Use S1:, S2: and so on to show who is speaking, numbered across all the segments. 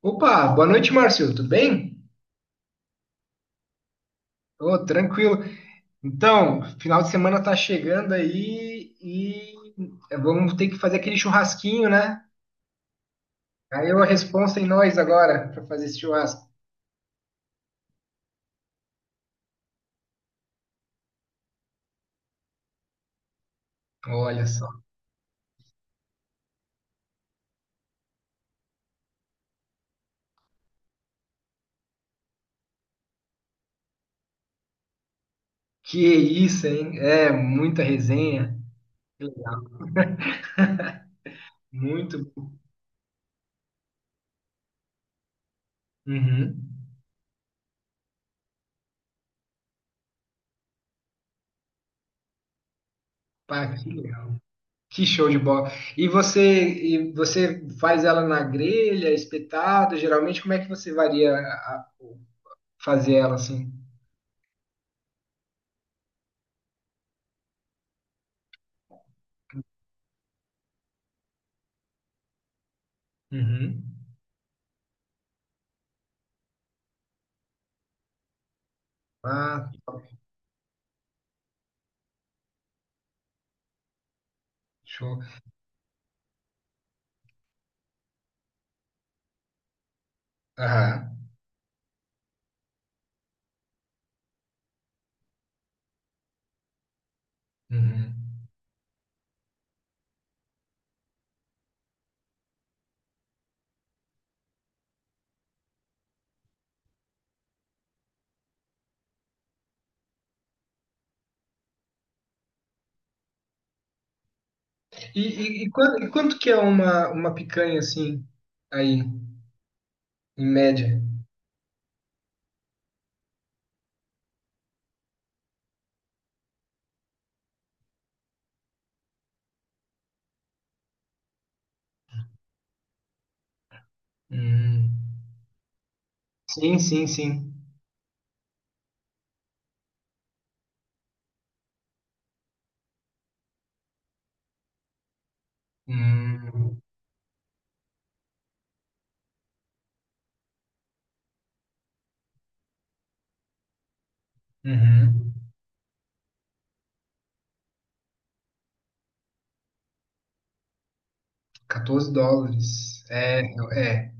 S1: Opa, boa noite, Márcio. Tudo bem? Ô, tranquilo. Então, final de semana tá chegando aí e vamos ter que fazer aquele churrasquinho, né? Aí a responsa em nós agora para fazer esse churrasco. Olha só. Que isso, hein? É, muita resenha. Muito. Uhum. Pá, que legal. Que show de bola. E você faz ela na grelha, espetado? Geralmente, como é que você varia fazer ela assim? Uhum. Ah, show. Aham. Uhum. E quanto, que é uma picanha assim, aí, em média? Hum. Sim, sim, sim. Hum. Uhum. Quatorze dólares. É,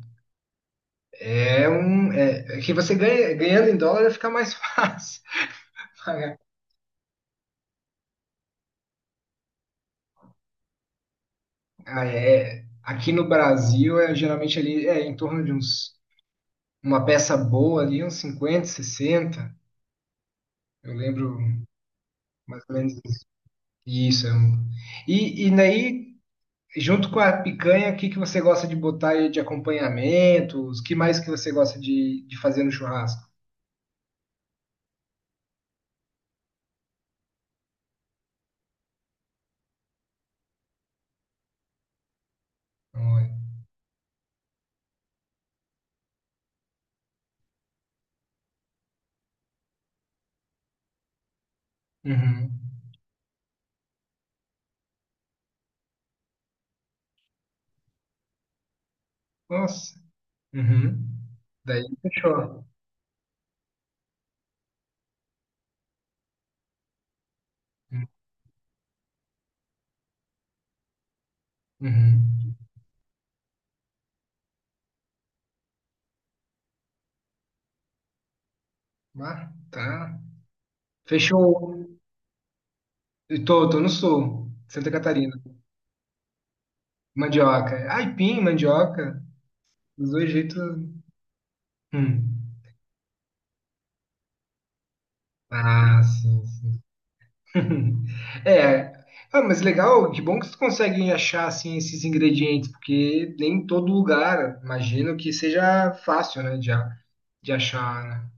S1: É, é que você ganha, ganhando em dólar fica mais fácil. Pagar. Ah, é. Aqui no Brasil é geralmente ali é em torno de uns uma peça boa ali, uns 50, 60. Eu lembro mais ou menos. Isso. E daí, junto com a picanha, o que que você gosta de botar aí de acompanhamentos? O que mais que você gosta de fazer no churrasco? Olha. Uhum. Nossa. Uhum. Daí fechou. Uhum. Ah, tá. Fechou. Tô no sul, Santa Catarina. Mandioca. Aipim, mandioca. Dos dois jeitos. Hum. Ah, sim, sim. É, ah, mas legal, que bom que vocês conseguem achar assim esses ingredientes, porque nem em todo lugar, imagino que seja fácil, né, de achar, né?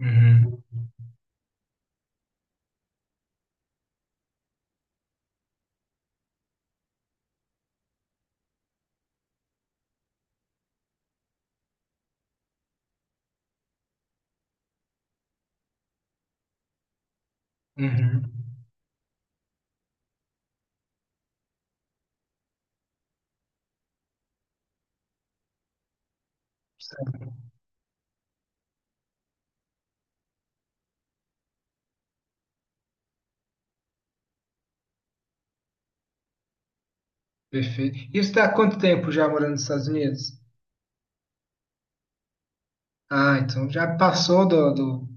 S1: Uhum, uhum. Perfeito. E você está há quanto tempo já morando nos Estados Unidos? Ah, então já passou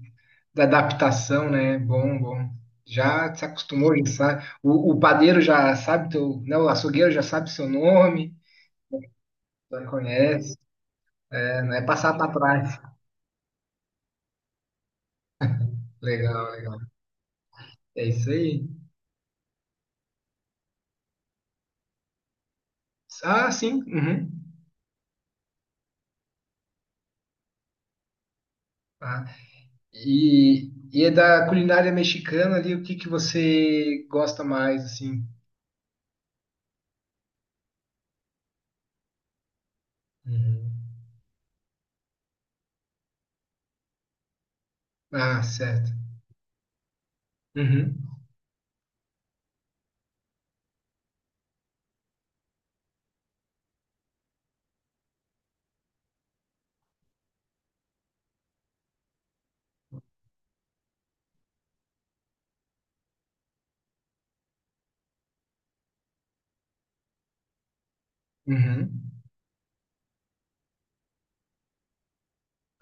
S1: da adaptação, né? Bom, bom. Já se acostumou, já sabe. O padeiro já sabe teu, né? O açougueiro já sabe seu nome, já conhece, né? Não é passar para trás. Legal, legal. É isso aí. Ah, sim. Uhum. Ah, e é da culinária mexicana ali, o que que você gosta mais, assim? Uhum. Ah, certo. Uhum. Uhum.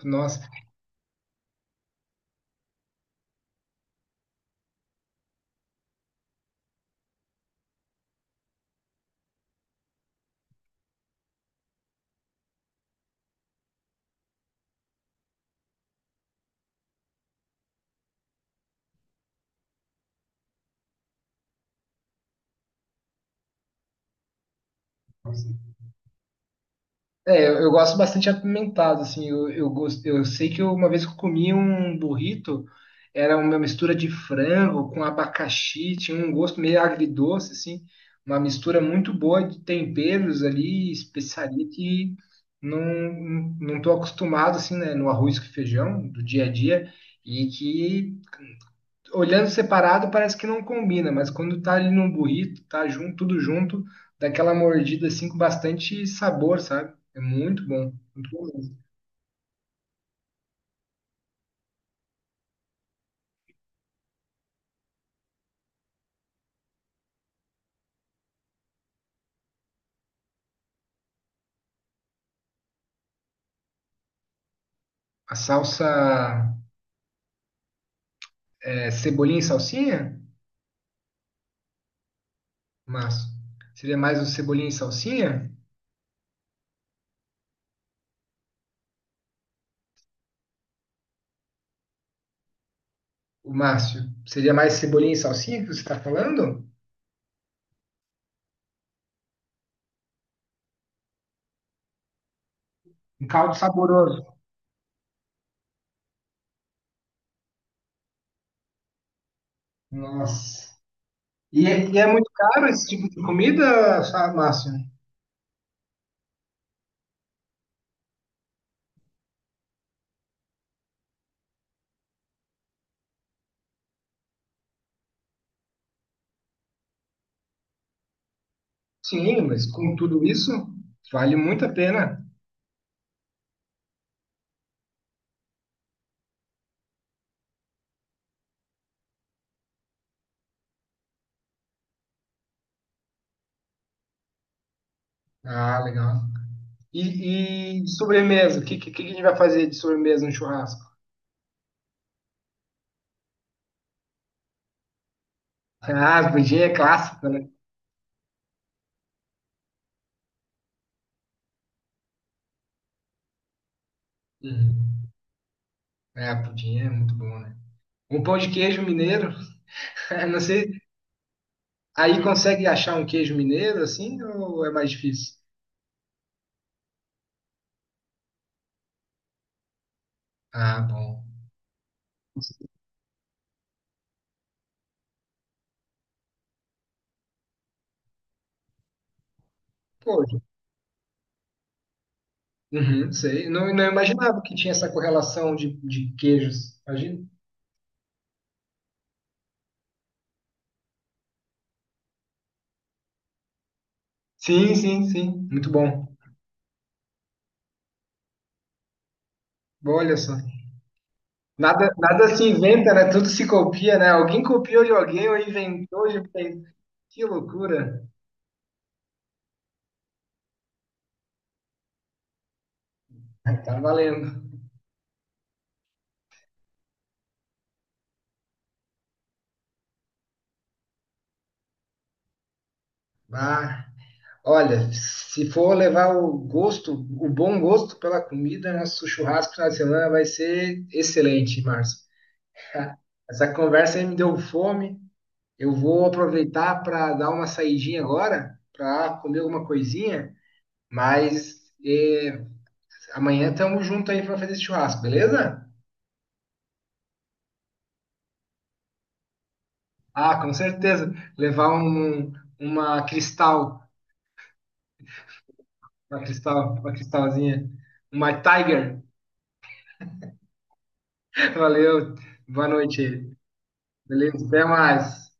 S1: Nossa. É, eu gosto bastante apimentado, assim, gosto, eu sei que eu- uma vez que eu comi um burrito, era uma mistura de frango com abacaxi, tinha um gosto meio agridoce, assim, uma mistura muito boa de temperos ali, especiaria que não tô acostumado, assim, né, no arroz com feijão do dia a dia, e que olhando separado parece que não combina, mas quando tá ali num burrito, tá junto, tudo junto, dá aquela mordida assim com bastante sabor, sabe? É muito bom mesmo. A salsa é, cebolinha e salsinha, Márcio? Seria mais o cebolinha e salsinha? O Márcio, seria mais cebolinha e salsinha que você está falando? Um caldo saboroso. Nossa. E é muito caro esse tipo de comida, sabe, Márcio? Sim, mas com tudo isso, vale muito a pena. Ah, legal. E de sobremesa, que a gente vai fazer de sobremesa no churrasco? Ah, pudim é clássico, né? Uhum. É, pudim é muito bom, né? Um pão de queijo mineiro, não sei. Aí consegue achar um queijo mineiro assim ou é mais difícil? Ah, bom. Pô, uhum, sei. Não, não imaginava que tinha essa correlação de queijos. Imagina. Sim, sim, sim. Muito bom. Olha só. Nada, nada se inventa, né? Tudo se copia, né? Alguém copiou de alguém ou inventou de alguém. Que loucura. Ai, tá valendo. Ah, olha, se for levar o gosto, o bom gosto pela comida, nosso churrasco na semana vai ser excelente, Márcio. Essa conversa aí me deu fome. Eu vou aproveitar para dar uma saidinha agora, para comer alguma coisinha, mas amanhã estamos juntos aí para fazer esse churrasco, beleza? Ah, com certeza. Levar um, uma cristal, uma cristal, uma cristalzinha, uma Tiger. Valeu, boa noite. Beleza, até mais.